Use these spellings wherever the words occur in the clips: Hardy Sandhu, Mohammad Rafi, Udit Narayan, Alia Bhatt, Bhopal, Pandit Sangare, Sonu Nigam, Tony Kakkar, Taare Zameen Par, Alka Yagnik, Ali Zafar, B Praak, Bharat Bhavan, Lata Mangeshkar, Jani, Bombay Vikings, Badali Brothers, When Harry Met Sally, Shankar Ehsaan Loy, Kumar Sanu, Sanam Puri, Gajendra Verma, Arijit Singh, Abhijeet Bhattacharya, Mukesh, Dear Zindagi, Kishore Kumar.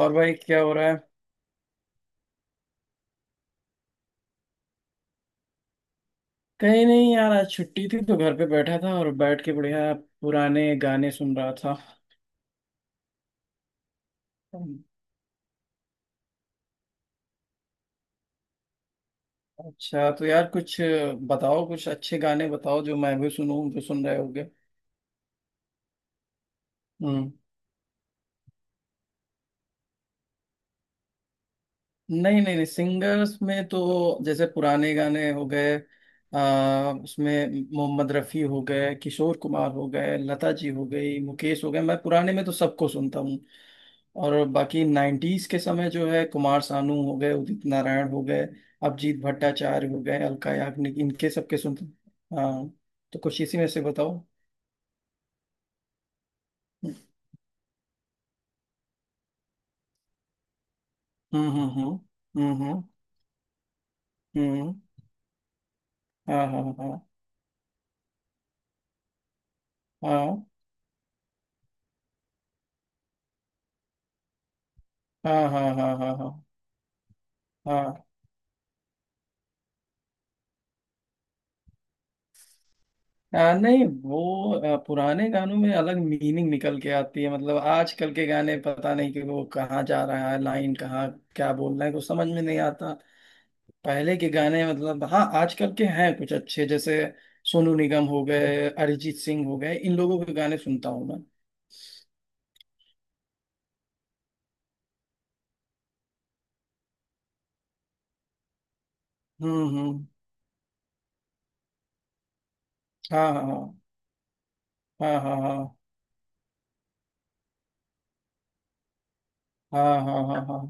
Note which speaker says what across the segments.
Speaker 1: और भाई क्या हो रहा है? कहीं नहीं यार। आज छुट्टी थी तो घर पे बैठा था और बैठ के बढ़िया पुराने गाने सुन रहा था। अच्छा तो यार कुछ बताओ, कुछ अच्छे गाने बताओ जो मैं भी सुनूं, जो सुन रहे होगे। हम्म। नहीं नहीं नहीं, सिंगर्स में तो जैसे पुराने गाने हो गए। उसमें मोहम्मद रफ़ी हो गए, किशोर कुमार हो गए, लता जी हो गई, मुकेश हो गए। मैं पुराने में तो सबको सुनता हूँ। और बाकी नाइन्टीज के समय जो है, कुमार सानू हो गए, उदित नारायण हो गए, अभिजीत भट्टाचार्य हो गए, अलका याग्निक, इनके सबके सुनता हूँ। हाँ। तो कुछ इसी में से बताओ। हम्म। हम्म। हम्म हम्म, हाँ हाँ हाँ हाँ हाँ हाँ हाँ। हाँ। हाँ हाँ। हाँ। नहीं, वो पुराने गानों में अलग मीनिंग निकल के आती है। मतलब आजकल के गाने पता नहीं कि वो कहाँ जा रहा है, लाइन कहाँ, क्या बोल रहे हैं, कुछ समझ में नहीं आता। पहले के गाने मतलब, हाँ, आजकल के हैं कुछ अच्छे, जैसे सोनू निगम हो गए, अरिजीत सिंह हो गए, इन लोगों के गाने सुनता हूँ मैं। हम्म। हाँ हाँ हाँ हाँ हाँ हाँ हाँ हाँ हाँ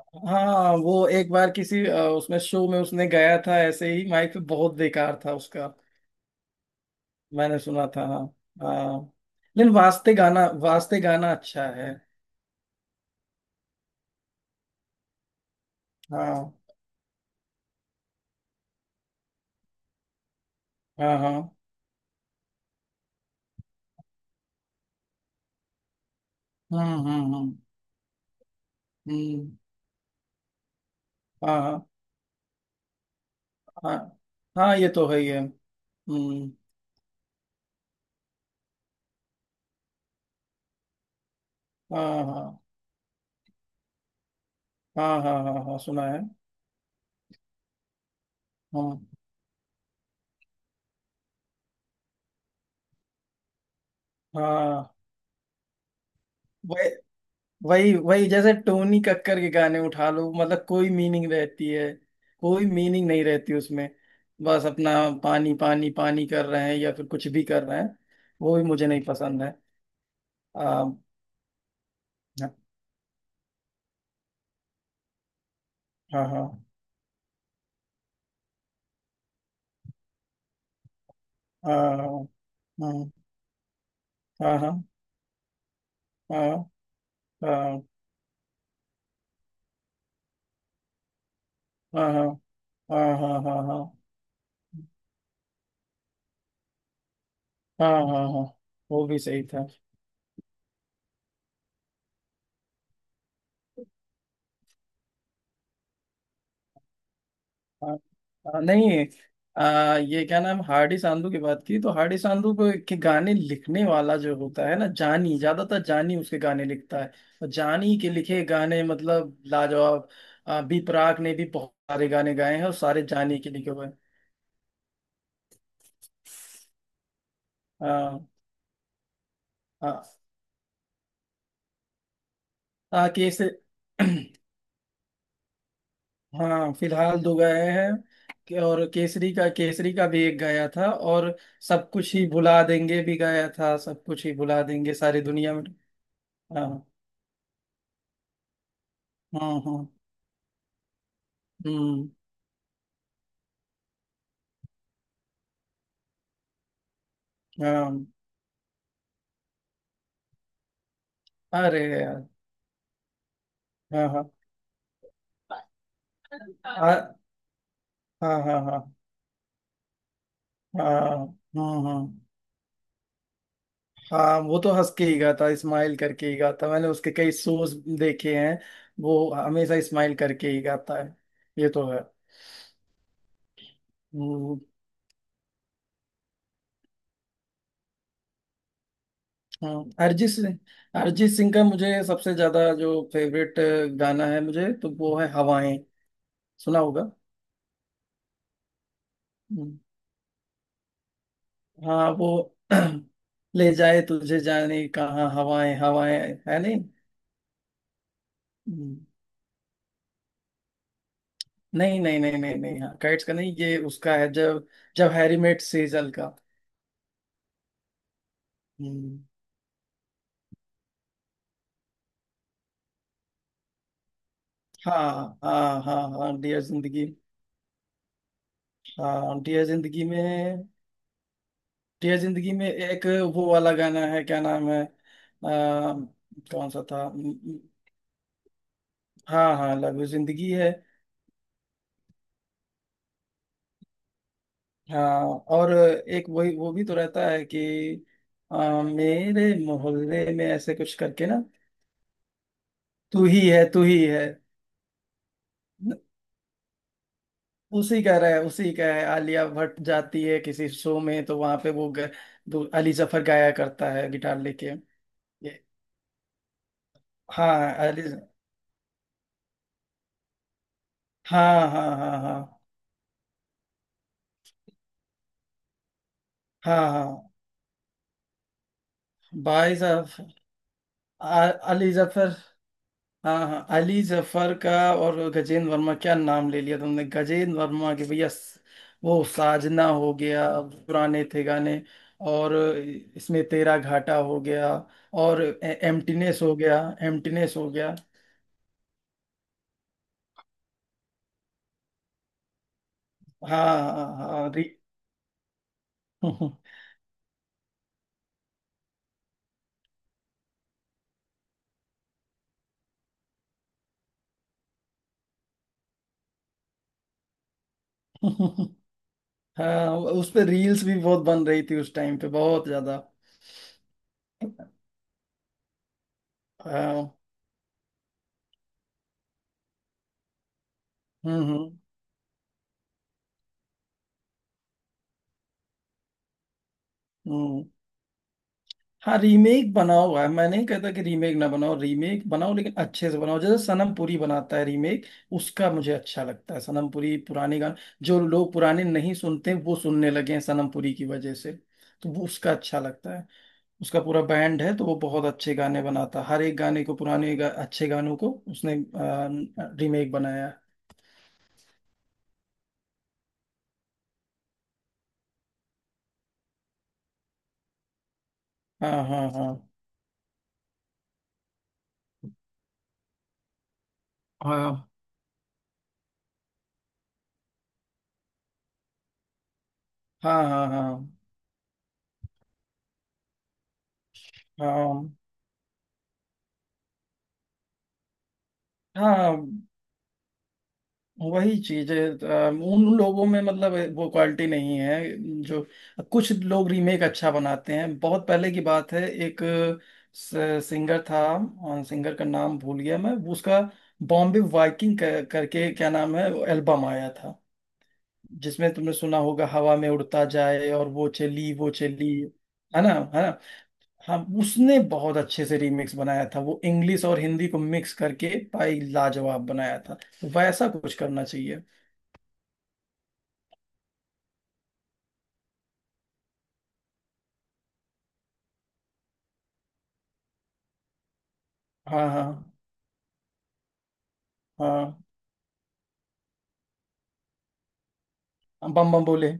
Speaker 1: हाँ हाँ, वो एक बार किसी उसमें शो में उसने गाया था ऐसे ही माइक पे, बहुत बेकार था उसका। मैंने सुना था। हाँ। हाँ। लेकिन वास्ते गाना, वास्ते गाना अच्छा है। हाँ हाँ हाँ। हम्म हम्म हम्म हम्म, हाँ हाँ हाँ हाँ। ये तो है ही है। हम्म। हाँ हाँ हाँ हाँ हाँ हाँ हाँ, सुना है। हाँ हाँ। वही वही वही, जैसे टोनी कक्कर के गाने उठा लो, मतलब कोई मीनिंग रहती है, कोई मीनिंग नहीं रहती उसमें। बस अपना पानी पानी पानी कर रहे हैं या फिर कुछ भी कर रहे हैं। वो भी मुझे नहीं पसंद है। आ, हाँ हाँ हाँ हाँ हाँ हाँ हाँ हाँ हाँ हाँ हाँ हाँ हाँ हाँ हाँ हाँ। हाँ वो भी सही था। हाँ हाँ, नहीं। ये क्या नाम, हार्डी सांधू की बात की तो, हार्डी सांधू के गाने लिखने वाला जो होता है ना, जानी, ज्यादातर जानी उसके गाने लिखता है। और जानी के लिखे गाने मतलब लाजवाब। बी प्राक ने भी बहुत सारे गाने गाए हैं और सारे जानी के लिखे हुए हैं। हाँ हाँ हाँ, कि इसे। हाँ फिलहाल दो गए हैं। और केसरी का, केसरी का भी एक गया था, और सब कुछ ही भुला देंगे भी गया था, सब कुछ ही भुला देंगे सारी दुनिया में। हाँ हाँ हाँ। हम्म। हाँ। अरे यार। हाँ हाँ। आ, हाँ हाँ हाँ हाँ हाँ हाँ हाँ। वो तो हंस के ही गाता, स्माइल करके ही गाता। मैंने उसके कई शोज देखे हैं। वो हमेशा स्माइल करके ही गाता है। ये तो है। हाँ। अरिजीत सिंह। अरिजीत सिंह का मुझे सबसे ज्यादा जो फेवरेट गाना है मुझे तो, वो है हवाएं। सुना होगा। हम्म, हाँ वो। ले जाए तुझे जाने कहाँ, हवाएं हवाएं, है नहीं। हम्म, नहीं नहीं नहीं नहीं नहीं, हाँ काइट्स का नहीं, ये उसका है जब, जब हैरी मेट सेजल का। हम्म, हाँ हाँ हाँ हाँ डियर जिंदगी। हाँ डियर जिंदगी में। डियर जिंदगी में एक वो वाला गाना है, क्या नाम है, कौन सा था। हाँ हाँ, लव यू जिंदगी है। हाँ और एक वही वो भी तो रहता है कि मेरे मोहल्ले में ऐसे कुछ करके ना। तू ही है, तू ही है। न- उसी का रहा है, उसी का है, आलिया भट्ट जाती है किसी शो में, तो वहां पे वो अली जफर गाया करता है गिटार लेके। ये हाँ अली। हाँ हाँ हाँ हाँ हाँ हाँ। भाई साहब। आ- अली जफर। हाँ हाँ, अली जफर का। और गजेंद्र वर्मा, क्या नाम ले लिया तुमने, गजेंद्र वर्मा के भैया, वो साजना हो गया, पुराने थे गाने, और इसमें तेरा घाटा हो गया, और एम्प्टीनेस हो गया। एम्प्टीनेस हो गया। हाँ हाँ हाँ री... हाँ उस पे रील्स भी बहुत बन रही थी, उस टाइम पे बहुत ज्यादा। हाँ। हम्म हम्म हम्म। हाँ रीमेक बना हुआ है। मैं नहीं कहता कि रीमेक ना बनाओ, रीमेक बनाओ लेकिन अच्छे से बनाओ। जैसे सनम पुरी बनाता है रीमेक, उसका मुझे अच्छा लगता है। सनम पुरी पुराने गाने, जो लोग पुराने नहीं सुनते वो सुनने लगे हैं सनम पुरी की वजह से। तो वो उसका अच्छा लगता है। उसका पूरा बैंड है तो वो बहुत अच्छे गाने बनाता है। हर एक गाने को पुराने अच्छे गानों को उसने रीमेक बनाया है। हाँ हाँ हाँ हाँ हाँ हाँ हाँ हाँ हाँ। वही चीज है। उन लोगों में, मतलब वो क्वालिटी नहीं है जो, कुछ लोग रीमेक अच्छा बनाते हैं। बहुत पहले की बात है, एक सिंगर था, सिंगर का नाम भूल गया मैं उसका। बॉम्बे वाइकिंग करके क्या नाम है, एल्बम आया था, जिसमें तुमने सुना होगा, हवा में उड़ता जाए और वो चली वो चली। है ना? है ना? हाँ उसने बहुत अच्छे से रीमिक्स बनाया था, वो इंग्लिश और हिंदी को मिक्स करके, भाई लाजवाब बनाया था। तो वैसा कुछ करना चाहिए। हाँ हाँ हाँ हाँ, बम बम बोले।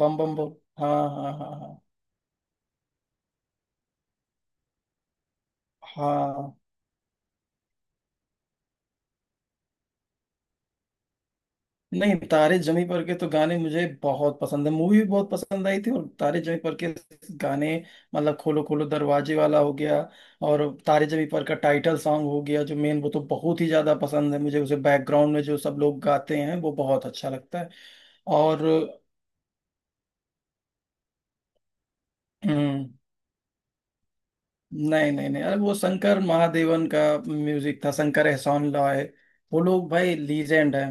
Speaker 1: बम बम बोल। हाँ हाँ हाँ हाँ हाँ। नहीं तारे जमी पर के तो गाने मुझे बहुत पसंद है। मूवी भी बहुत पसंद आई थी। और तारे जमी पर के गाने मतलब खोलो खोलो दरवाजे वाला हो गया, और तारे जमी पर का टाइटल सॉन्ग हो गया, जो मेन, वो तो बहुत ही ज्यादा पसंद है मुझे। उसे बैकग्राउंड में जो सब लोग गाते हैं वो बहुत अच्छा लगता है। और। हम्म, नहीं नहीं नहीं, अरे वो शंकर महादेवन का म्यूजिक था, शंकर एहसान लॉय, वो लोग भाई लीजेंड हैं।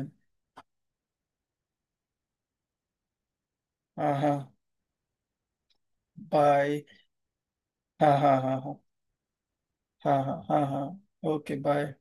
Speaker 1: हाँ हाँ। बाय। हाँ हाँ हाँ हाँ हाँ हाँ हाँ हाँ, ओके बाय।